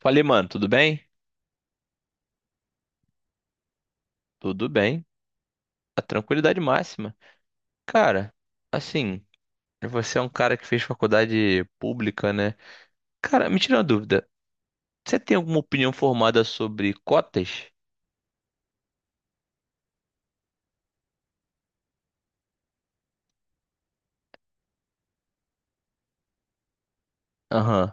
Falei, mano, tudo bem? Tudo bem. A tranquilidade máxima. Cara, assim, você é um cara que fez faculdade pública, né? Cara, me tira uma dúvida. Você tem alguma opinião formada sobre cotas? Aham.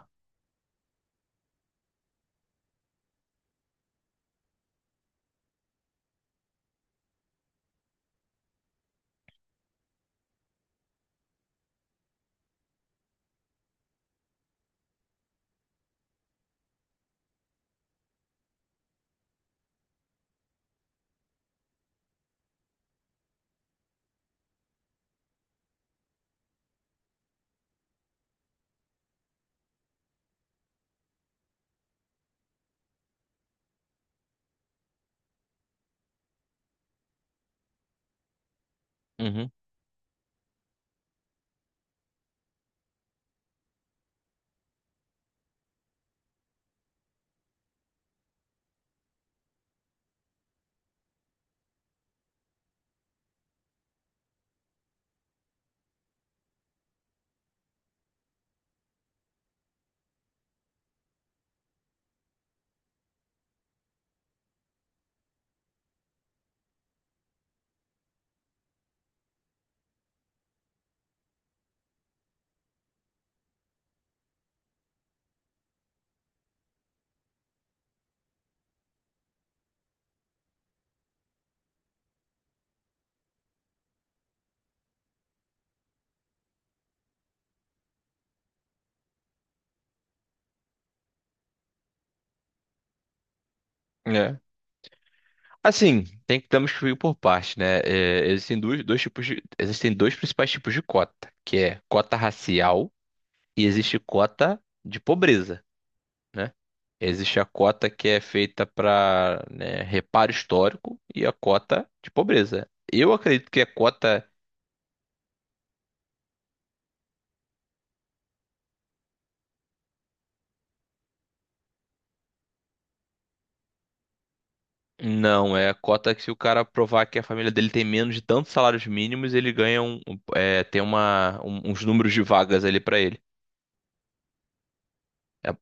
Uhum. É. Assim, temos que ir por parte, né? É, existem dois principais tipos de cota, que é cota racial e existe cota de pobreza, né? Existe a cota que é feita para reparo histórico e a cota de pobreza. Eu acredito que a cota não é a cota que, se o cara provar que a família dele tem menos de tantos salários mínimos, ele ganha tem uns números de vagas ali para ele. É-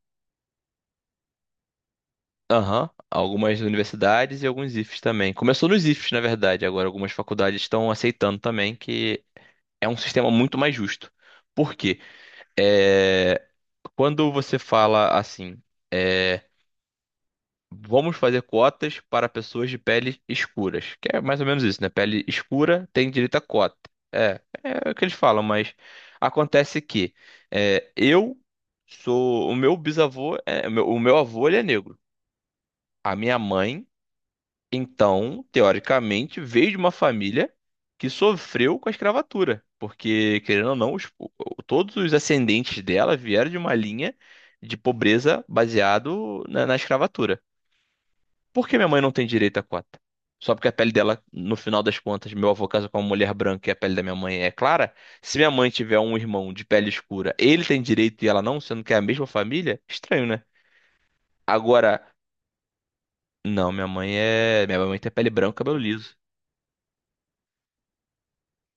Aham. Algumas universidades e alguns IFES também. Começou nos IFES, na verdade. Agora, algumas faculdades estão aceitando também, que é um sistema muito mais justo. Por quê? É, Quando você fala assim, é, vamos fazer cotas para pessoas de pele escuras, que é mais ou menos isso, né? Pele escura tem direito a cota. É, é o que eles falam, mas acontece que é, eu o meu avô, ele é negro. A minha mãe, então, teoricamente, veio de uma família que sofreu com a escravatura, porque, querendo ou não, todos os ascendentes dela vieram de uma linha de pobreza baseado na escravatura. Por que minha mãe não tem direito à cota? Só porque a pele dela, no final das contas, meu avô casa com uma mulher branca e a pele da minha mãe é clara. Se minha mãe tiver um irmão de pele escura, ele tem direito e ela não, sendo que é a mesma família? Estranho, né? Agora, não, minha mãe é. Minha mãe tem pele branca, cabelo liso.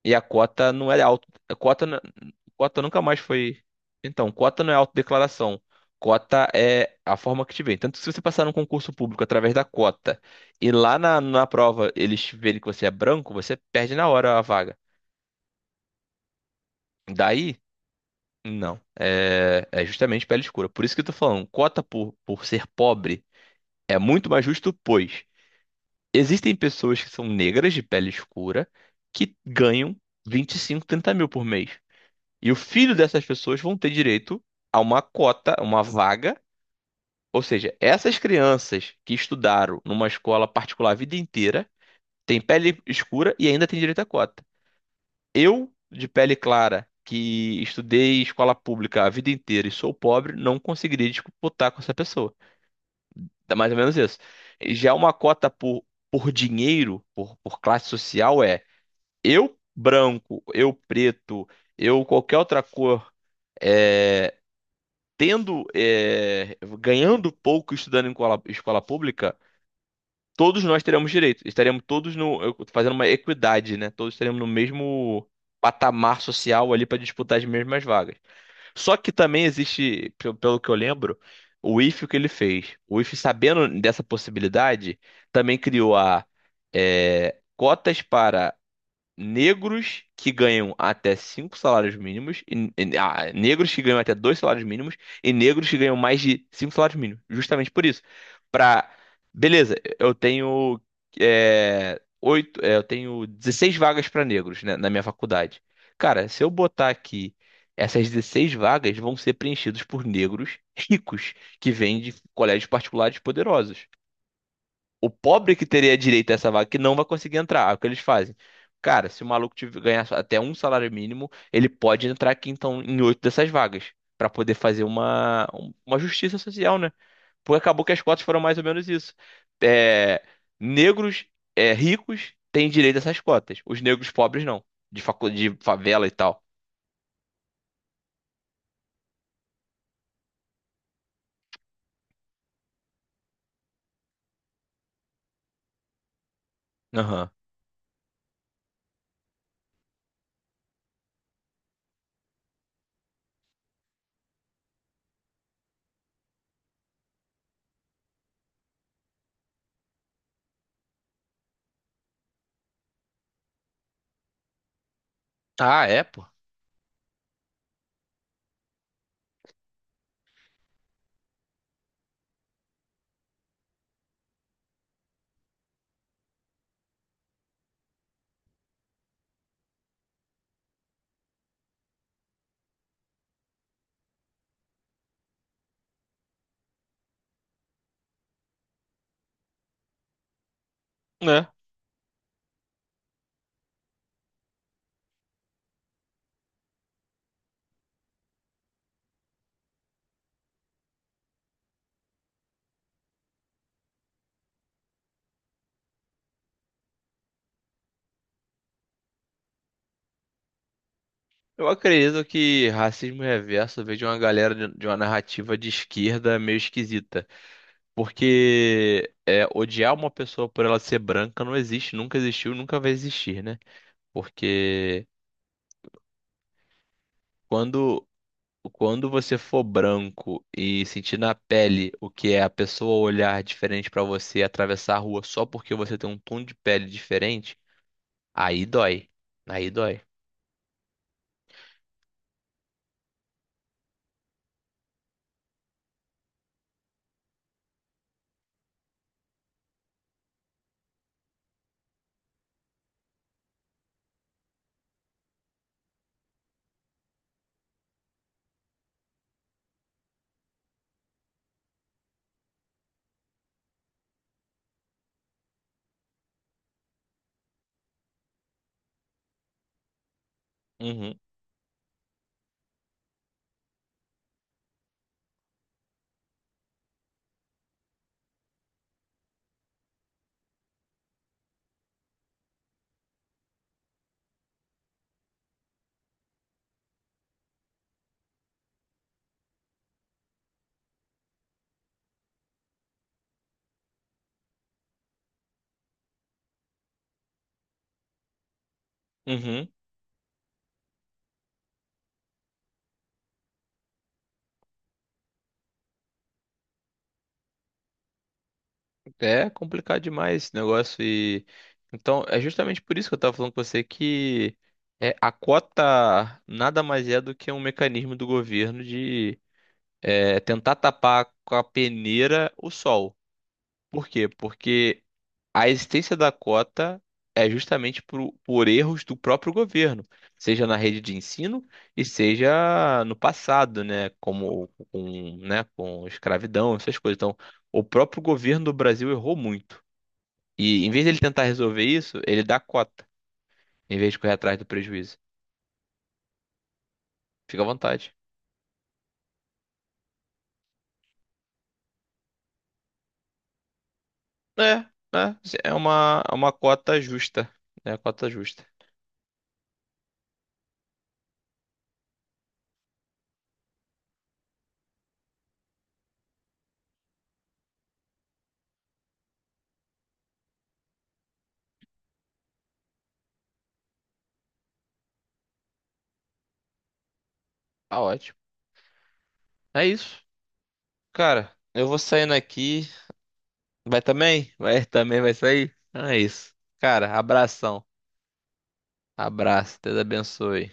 E a cota não era auto. Cota nunca mais foi. Então, cota não é autodeclaração. Cota é a forma que te vem. Tanto que, se você passar num concurso público através da cota e lá na prova eles verem que você é branco, você perde na hora a vaga. Daí, não. É, é justamente pele escura. Por isso que eu tô falando, cota por ser pobre é muito mais justo, pois existem pessoas que são negras de pele escura que ganham 25, 30 mil por mês. E o filho dessas pessoas vão ter direito a uma cota, uma vaga. Ou seja, essas crianças que estudaram numa escola particular a vida inteira têm pele escura e ainda têm direito à cota. Eu, de pele clara, que estudei em escola pública a vida inteira e sou pobre, não conseguiria disputar com essa pessoa. É mais ou menos isso. Já uma cota por dinheiro, por classe social, eu branco, eu preto, eu qualquer outra cor. é, Ganhando pouco, estudando em escola pública, todos nós teremos direito. Estaremos todos no, eu- fazendo uma equidade, né? Todos estaremos no mesmo patamar social ali para disputar as mesmas vagas. Só que também existe, pelo que eu lembro, o IFE que ele fez. O IFE, sabendo dessa possibilidade, também criou a, cotas para negros que ganham até 5 salários mínimos, e negros que ganham até 2 salários mínimos e negros que ganham mais de 5 salários mínimos. Justamente por isso. Pra, Beleza, eu tenho, oito, eu tenho 16 vagas para negros, né, na minha faculdade. Cara, se eu botar aqui. Essas 16 vagas vão ser preenchidas por negros ricos que vêm de colégios particulares poderosos. O pobre que teria direito a essa vaga que não vai conseguir entrar. É o que eles fazem. Cara, se o maluco ganhar até 1 salário mínimo, ele pode entrar aqui então em oito dessas vagas pra poder fazer uma justiça social, né? Porque acabou que as cotas foram mais ou menos isso. É, negros, ricos têm direito a essas cotas. Os negros pobres não, de favela e tal. Aham. Ah, é, pô. É. Eu acredito que racismo reverso veio de uma galera de uma narrativa de esquerda meio esquisita. Porque é, odiar uma pessoa por ela ser branca não existe, nunca existiu, nunca vai existir, né? Porque quando, quando você for branco e sentir na pele o que é a pessoa olhar diferente pra você e atravessar a rua só porque você tem um tom de pele diferente, aí dói. Aí dói. Uhum, uhum. É complicado demais esse negócio e então é justamente por isso que eu tava falando com você que, a cota nada mais é do que um mecanismo do governo de, tentar tapar com a peneira o sol. Por quê? Porque a existência da cota é justamente por erros do próprio governo, seja na rede de ensino e seja no passado, né? Como com, né, com escravidão, essas coisas. Então, o próprio governo do Brasil errou muito. E em vez dele tentar resolver isso, ele dá cota, em vez de correr atrás do prejuízo. Fica à vontade. É, é, é uma cota justa. É uma cota justa. Tá ótimo. É isso. Cara, eu vou saindo aqui. Vai também? Vai também, vai sair? Então é isso. Cara, abração. Abraço. Deus abençoe.